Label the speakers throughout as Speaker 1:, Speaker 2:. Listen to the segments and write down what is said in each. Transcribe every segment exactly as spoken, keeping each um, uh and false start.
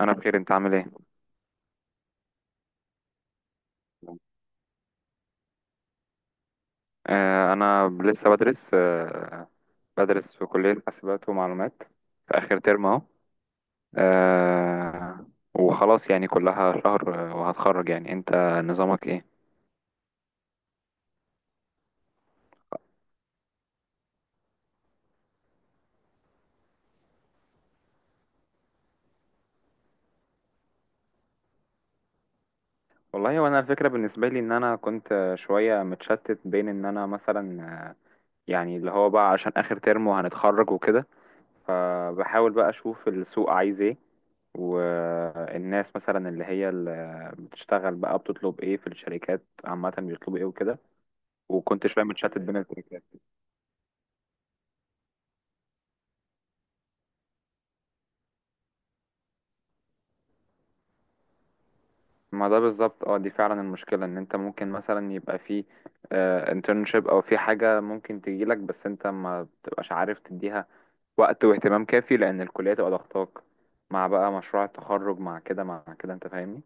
Speaker 1: انا بخير، انت عامل ايه؟ آه، انا لسه بدرس. آه بدرس في كلية حاسبات ومعلومات. في اخر ترم اهو. آه. وخلاص يعني كلها شهر، آه، وهتخرج يعني انت، نظامك ايه؟ والله وانا الفكرة بالنسبة لي ان انا كنت شوية متشتت بين ان انا مثلا، آه، يعني اللي هو بقى عشان اخر ترم وهنتخرج وكده. فبحاول بقى اشوف السوق عايز ايه، والناس مثلا اللي هي اللي بتشتغل بقى بتطلب ايه في الشركات، عامة بيطلبوا ايه وكده. وكنتش فاهم متشتت بين التراكات. ما ده بالظبط، اه دي فعلا المشكلة ان انت ممكن مثلا يبقى في انترنشيب او في حاجة ممكن تجيلك، بس انت ما بتبقاش عارف تديها وقت واهتمام كافي، لان الكلية تبقى ضغطاك مع بقى مشروع التخرج مع كده مع كده، انت فاهمني.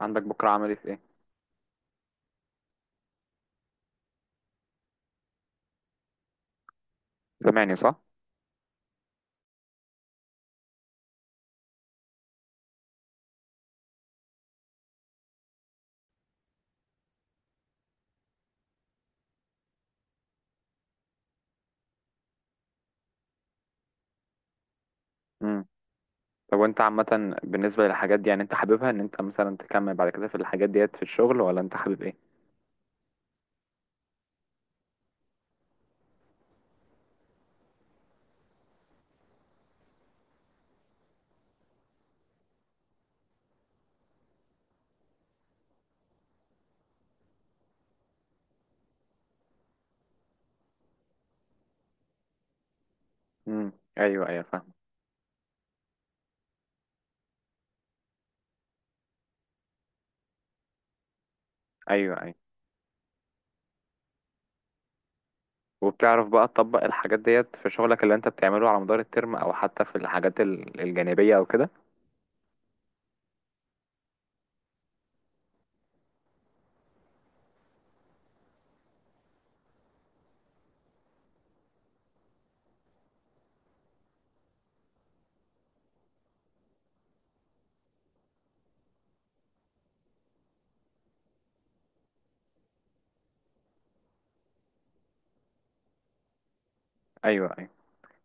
Speaker 1: عندك بكرة عملي في ايه؟ سامعني صح؟ امم. طب وانت عامة بالنسبة للحاجات دي، يعني انت حاببها ان انت مثلا تكمل بعد كده في الحاجات ديت في الشغل، ولا انت حابب ايه؟ امم. ايوه ايوه فاهم. ايوه، أيوه. وبتعرف بقى تطبق الحاجات ديت في شغلك اللي انت بتعمله على مدار الترم، او حتى في الحاجات ال- الجانبية او كده؟ ايوه ايوه.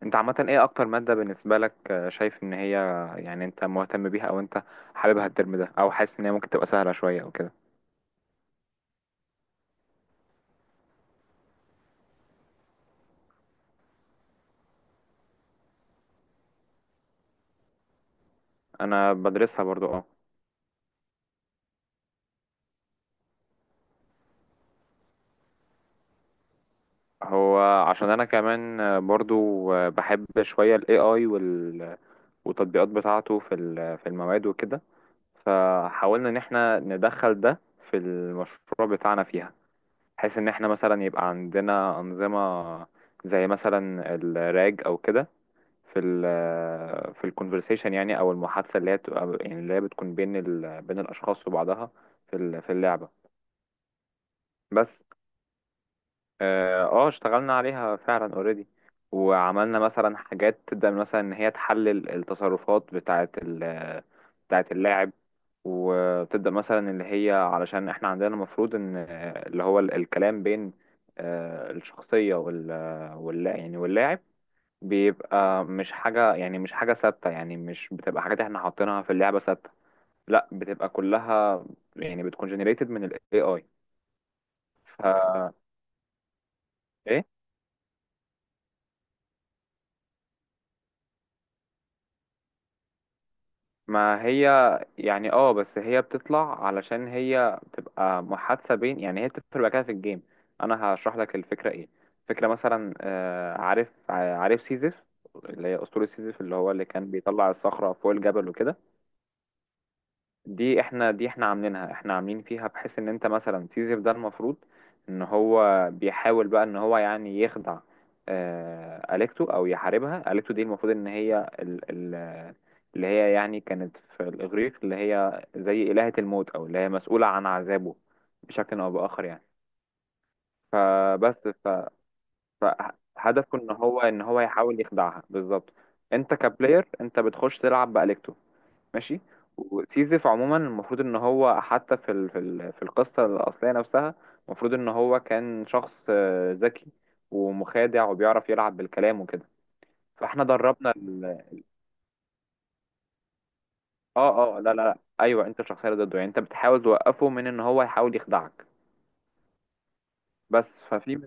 Speaker 1: انت عامة ايه اكتر مادة بالنسبة لك، آه، شايف ان هي، يعني انت مهتم بيها او انت حاببها الترم ده، او حاسس ان هي ممكن تبقى سهلة شوية او كده؟ انا بدرسها برضو، اه. هو عشان انا كمان، آه، برضو، آه، بحب شوية ال A I وال... والتطبيقات بتاعته في ال- في المواد وكده. فحاولنا ان احنا ندخل ده في المشروع بتاعنا فيها، بحيث ان احنا مثلا يبقى عندنا انظمه زي مثلا الراج او كده في ال في الكونفرسيشن، يعني او المحادثه اللي هي بتبقى- يعني اللي هي بتكون بين ال بين الاشخاص وبعضها في ال- في اللعبه. بس اه آه، اشتغلنا عليها فعلا اوريدي. وعملنا مثلا حاجات تبدأ من مثلا ان هي تحلل التصرفات بتاعة ال بتاعة اللاعب، وتبدأ مثلا اللي هي علشان احنا عندنا المفروض ان، آه، اللي هو ال- الكلام بين، آه، الشخصية وال واللا يعني واللاعب، بيبقى مش حاجة، يعني مش حاجة ثابتة، يعني مش بتبقى حاجات احنا حاطينها في اللعبة ثابتة. لا، بتبقى كلها يعني بتكون generated من ال ايه اي. ف ايه. ما هي، يعني اه بس هي بتطلع علشان هي بتبقى محادثة بين، يعني هي بتدخل بقى كده في الجيم. انا هشرح لك الفكرة ايه. فكرة مثلا، آه، عارف عارف سيزيف، اللي هي اسطورة سيزيف اللي هو اللي كان بيطلع الصخرة فوق الجبل وكده. دي احنا دي احنا عاملينها، احنا عاملين فيها بحيث ان انت مثلا سيزر ده، المفروض ان هو بيحاول بقى ان هو يعني يخدع، آه، اليكتو او يحاربها، اليكتو دي المفروض ان هي ال ال اللي هي، يعني كانت في الاغريق اللي هي زي الهة الموت، او اللي هي مسؤولة عن عذابه بشكل او باخر يعني. فبس ف فهدفه ان هو ان هو يحاول يخدعها بالظبط. انت كبلاير، انت بتخش تلعب باليكتو، ماشي. وسيزيف عموما المفروض ان هو حتى في ال... في ال... في القصه الاصليه نفسها، المفروض ان هو كان شخص، آه، ذكي ومخادع وبيعرف يلعب بالكلام وكده. فاحنا دربنا ال... اه، اه، لا، لا، لا، ايوه، انت الشخصيه اللي ضده، يعني انت بتحاول توقفه من ان هو يحاول يخدعك. بس ففي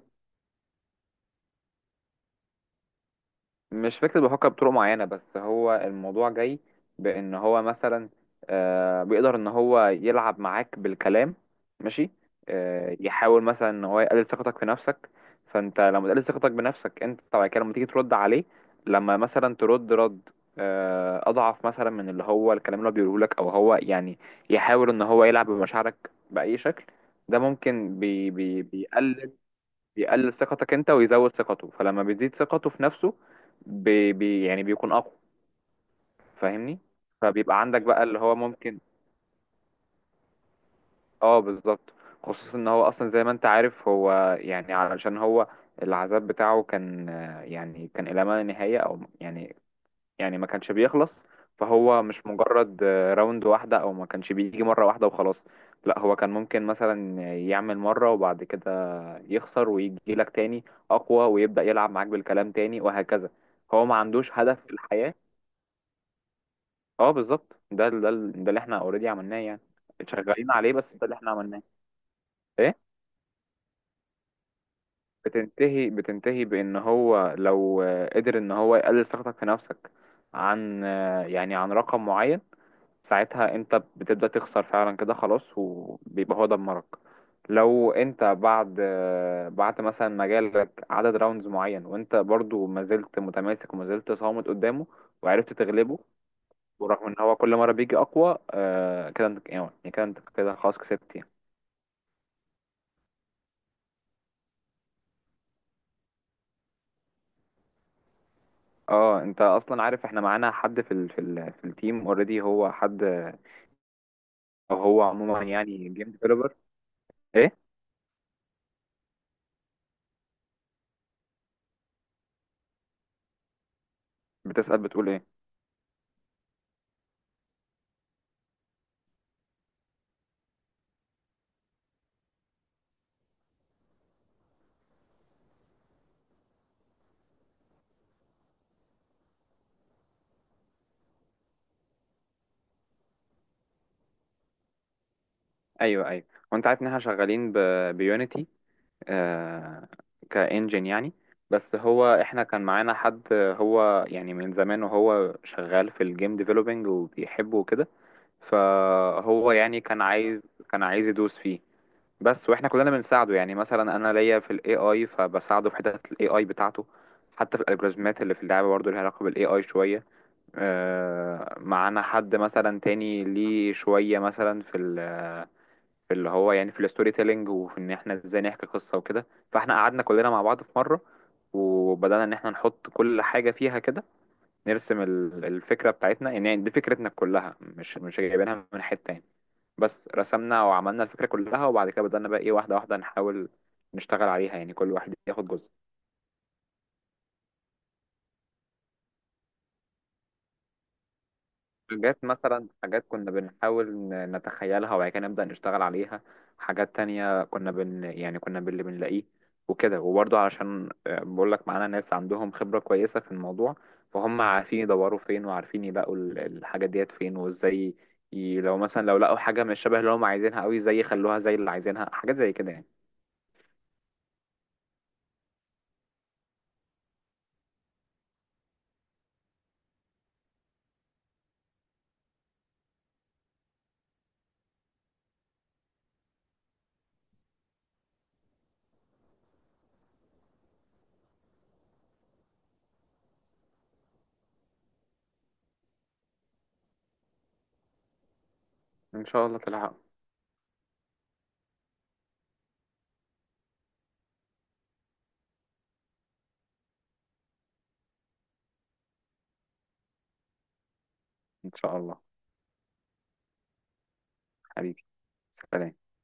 Speaker 1: مش فكرة بيفكر بطرق معينة، بس هو الموضوع جاي بأن هو مثلا، آه، بيقدر إن هو يلعب معاك بالكلام، ماشي. آه، يحاول مثلا إن هو يقلل ثقتك في نفسك، فأنت لما تقلل ثقتك بنفسك أنت بعد كده لما تيجي ترد عليه، لما مثلا ترد رد، آه، أضعف مثلا من اللي هو الكلام اللي هو بيقوله لك، أو هو يعني يحاول إن هو يلعب بمشاعرك بأي شكل. ده ممكن بي بي بيقلل بيقلل ثقتك انت ويزود ثقته، فلما بيزيد ثقته في نفسه بي بي يعني بيكون اقوى، فاهمني. فبيبقى عندك بقى اللي هو ممكن. اه، بالظبط، خصوصا ان هو اصلا زي ما انت عارف هو، يعني علشان هو العذاب بتاعه كان، آه، يعني كان الى ما لا نهاية او يعني، يعني ما كانش بيخلص. فهو مش مجرد، آه، راوند واحدة، او ما كانش بيجي مرة واحدة وخلاص. لا، هو كان ممكن مثلا يعمل مرة وبعد كده يخسر ويجي لك تاني اقوى ويبدأ يلعب معاك بالكلام تاني وهكذا. هو ما عندوش هدف في الحياة. اه، بالظبط، ده ده ده اللي احنا اوريدي عملناه يعني. شغالين عليه، بس ده اللي احنا عملناه. ايه. بتنتهي بتنتهي بان هو لو، آه، قدر ان هو يقلل ثقتك في نفسك عن آه، يعني عن رقم معين، ساعتها انت بتبدأ تخسر فعلا كده خلاص، وبيبقى هو دمرك. لو انت بعد بعد مثلا مجالك عدد راوندز معين، وانت برضو ما زلت متماسك وما زلت صامت قدامه، وعرفت تغلبه، ورغم ان هو كل مرة بيجي اقوى، آه كده انت يعني يعني كده انت كده خلاص كسبت يعني. اه، انت اصلا عارف احنا معانا حد في ال في ال في التيم اوريدي. هو حد، او هو عموما يعني جيم ديفلوبر. ايه؟ بتسأل بتقول ايه؟ ايوه ايوه. وانت عارف ان احنا شغالين ب بيونيتي، آه، كإنجن يعني. بس هو احنا كان معانا حد، هو يعني من زمان وهو شغال في الجيم ديفلوبينج وبيحبه وكده. فهو يعني كان عايز كان عايز يدوس فيه. بس واحنا كلنا بنساعده، يعني مثلا انا ليا في الاي اي فبساعده في حتت الاي اي بتاعته، حتى في الالجوريزمات اللي في اللعبه برضه ليها علاقه بالاي اي شويه. آه، معانا حد مثلا تاني ليه شويه مثلا في في اللي هو، يعني في الستوري تيلينج، وفي ان احنا ازاي نحكي قصة وكده. فاحنا قعدنا كلنا مع بعض في مرة وبدأنا ان احنا نحط كل حاجة فيها كده، نرسم ال- الفكرة بتاعتنا، يعني يعني دي فكرتنا كلها، مش مش جايبينها من حتة يعني. بس رسمنا وعملنا الفكرة كلها، وبعد كده بدأنا بقى ايه واحدة واحدة نحاول نشتغل عليها، يعني كل واحد ياخد جزء. حاجات مثلا، حاجات كنا بنحاول ن- نتخيلها وبعد كده نبدأ نشتغل عليها، حاجات تانية كنا بن يعني كنا باللي بنلاقيه وكده. وبرضه علشان، آه، بقول لك معانا ناس عندهم خبرة كويسة في الموضوع، فهم عارفين يدوروا فين، وعارفين يلاقوا ال- الحاجة ديت فين وازاي. ي- لو مثلا لو لقوا حاجة مش شبه اللي هم عايزينها قوي، زي يخلوها زي اللي عايزينها حاجات زي كده يعني. ان شاء الله تلحق. ان شاء الله. حبيبي. سلام.